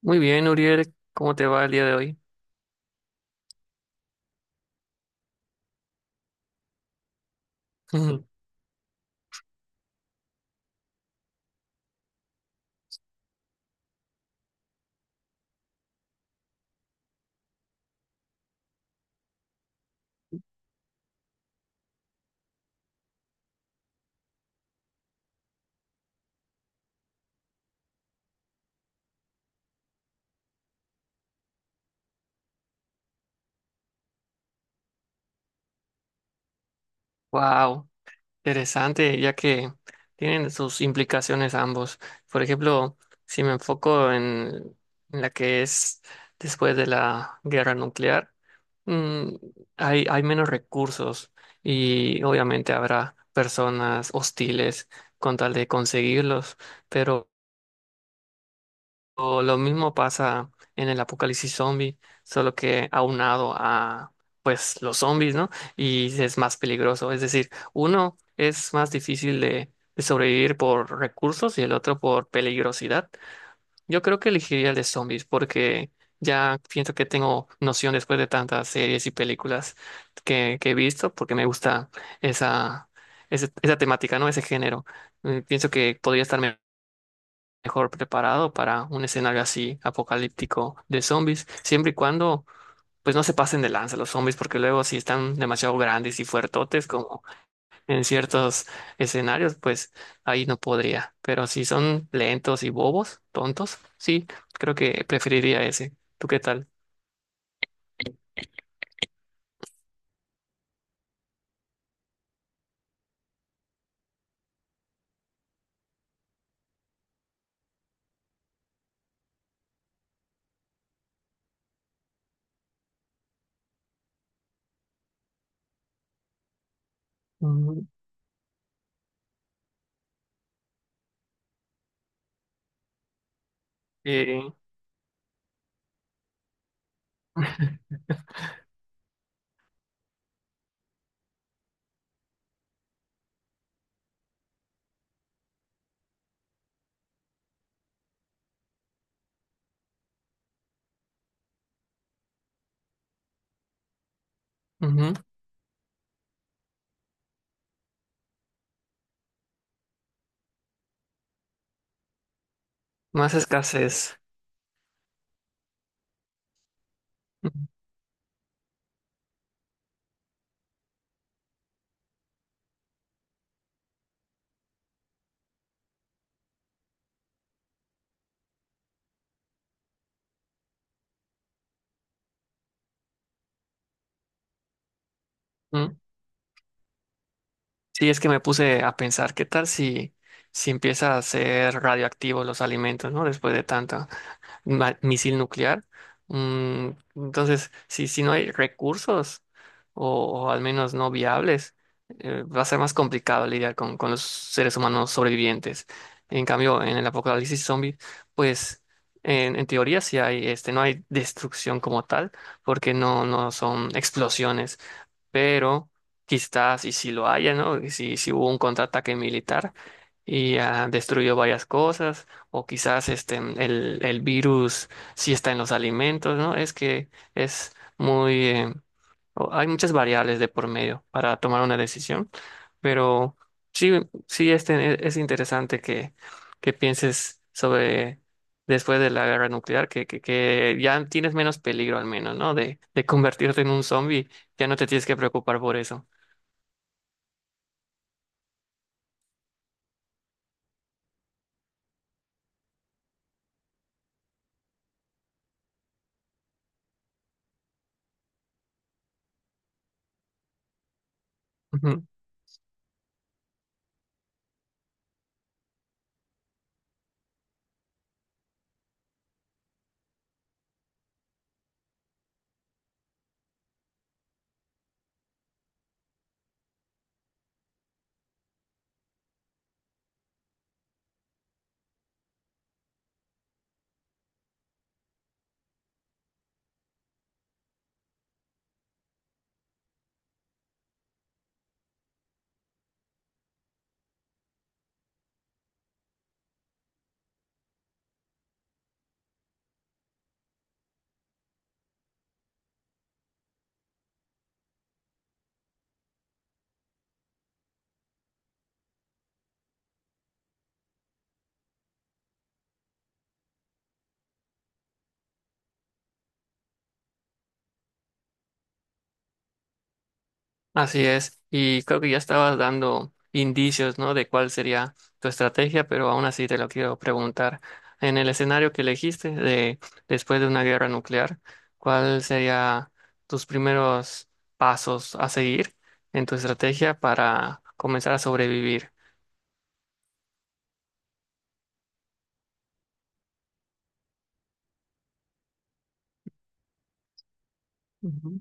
Muy bien, Uriel, ¿cómo te va el día de hoy? Wow, interesante, ya que tienen sus implicaciones ambos. Por ejemplo, si me enfoco en la que es después de la guerra nuclear, mm, hay menos recursos y obviamente habrá personas hostiles con tal de conseguirlos, pero o lo mismo pasa en el apocalipsis zombie, solo que aunado a pues los zombies, ¿no? Y es más peligroso. Es decir, uno es más difícil de sobrevivir por recursos y el otro por peligrosidad. Yo creo que elegiría el de zombies porque ya siento que tengo noción después de tantas series y películas que he visto, porque me gusta esa, esa temática, ¿no? Ese género. Pienso que podría estar mejor preparado para un escenario así apocalíptico de zombies, siempre y cuando pues no se pasen de lanza los zombies, porque luego si están demasiado grandes y fuertotes como en ciertos escenarios, pues ahí no podría. Pero si son lentos y bobos, tontos, sí, creo que preferiría ese. ¿Tú qué tal? Mm, eh, ujú. Más escasez. Ujú. Sí, es que me puse a pensar, ¿qué tal si, si empieza a ser radioactivo los alimentos, ¿no? Después de tanto misil nuclear. Mm, entonces, si, si no hay recursos o al menos no viables, va a ser más complicado lidiar con los seres humanos sobrevivientes. En cambio, en el apocalipsis zombie, pues en teoría sí hay, este, no hay destrucción como tal, porque no son explosiones, pero quizás y si lo haya, ¿no? Y si, si hubo un contraataque militar y destruyó varias cosas, o quizás este, el virus sí está en los alimentos, ¿no? Es que es muy, hay muchas variables de por medio para tomar una decisión, pero sí, sí este, es interesante que pienses sobre después de la guerra nuclear, que ya tienes menos peligro al menos, ¿no? De convertirte en un zombie, ya no te tienes que preocupar por eso. Ujú. Así es, y creo que ya estabas dando indicios, ¿no? De cuál sería tu estrategia, pero aún así te lo quiero preguntar. En el escenario que elegiste de después de una guerra nuclear, ¿cuál sería tus primeros pasos a seguir en tu estrategia para comenzar a sobrevivir? Ujú.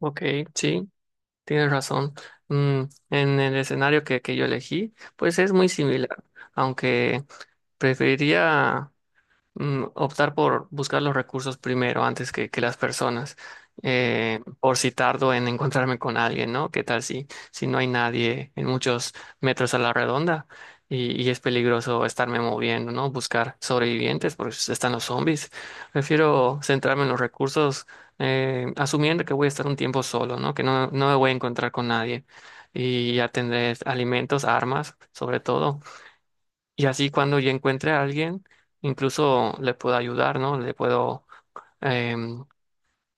Ok, sí, tienes razón. Mm, en el escenario que yo elegí, pues es muy similar, aunque preferiría optar por buscar los recursos primero antes que las personas. Por si tardo en encontrarme con alguien, ¿no? ¿Qué tal si, si no hay nadie en muchos metros a la redonda y es peligroso estarme moviendo, ¿no? Buscar sobrevivientes porque están los zombies. Prefiero centrarme en los recursos, asumiendo que voy a estar un tiempo solo, ¿no? Que no, no me voy a encontrar con nadie. Y ya tendré alimentos, armas, sobre todo, y así cuando yo encuentre a alguien, incluso le puedo ayudar, ¿no? Le puedo, em,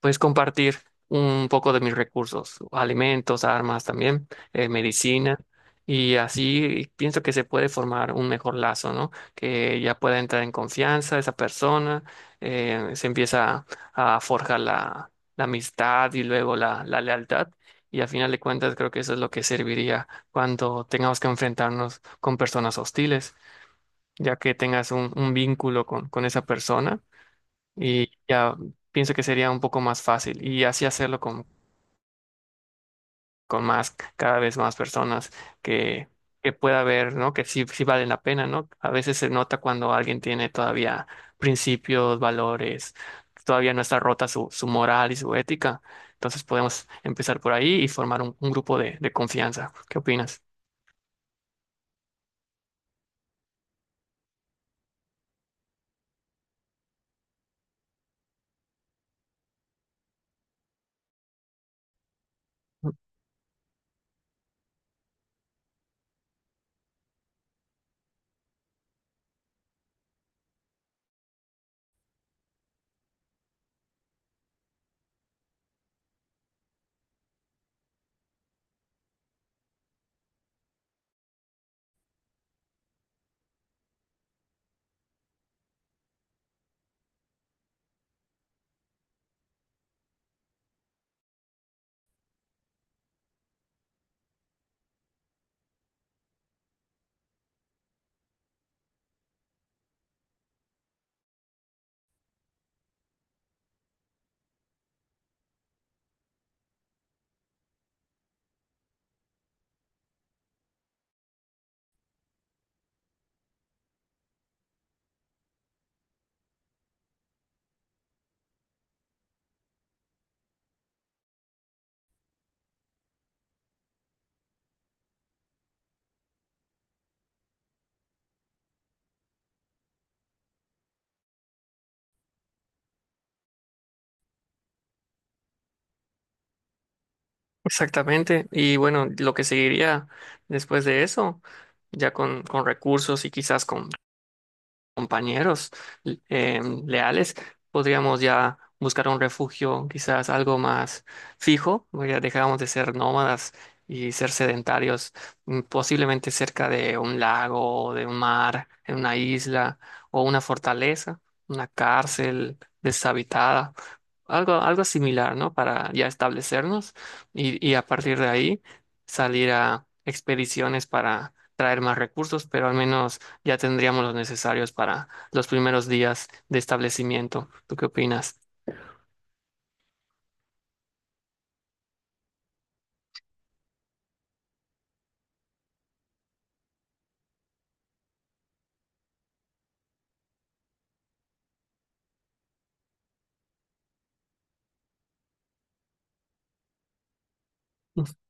pues, compartir un poco de mis recursos, alimentos, armas también, medicina. Y así pienso que se puede formar un mejor lazo, ¿no? Que ya pueda entrar en confianza esa persona, se empieza a forjar la amistad y luego la lealtad. Y al final de cuentas creo que eso es lo que serviría cuando tengamos que enfrentarnos con personas hostiles ya que tengas un vínculo con esa persona, y ya pienso que sería un poco más fácil y así hacerlo con más, cada vez más personas que, que pueda ver, ¿no? Que sí, sí valen la pena, ¿no? A veces se nota cuando alguien tiene todavía principios, valores, todavía no está rota su, su moral y su ética. Entonces podemos empezar por ahí y formar un grupo de confianza. ¿Qué opinas? Exactamente. Y bueno, lo que seguiría después de eso, ya con recursos y quizás con, compañeros leales, podríamos ya buscar un refugio quizás algo más fijo, ya dejamos de ser nómadas y ser sedentarios, posiblemente cerca de un lago, o de un mar, en una isla o una fortaleza, una cárcel deshabitada. Algo, algo similar, ¿no? Para ya establecernos y a partir de ahí salir a expediciones para traer más recursos, pero al menos ya tendríamos los necesarios para los primeros días de establecimiento. ¿Tú qué opinas?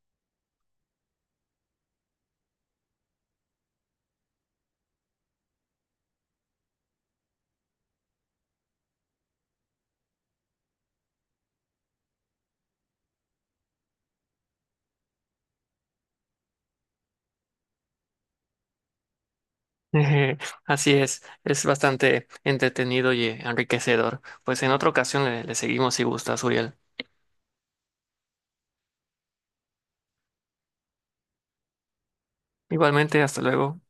Eje, así es bastante entretenido y enriquecedor. Pues en otra ocasión le, le seguimos si gustas, Uriel. Igualmente, hasta luego.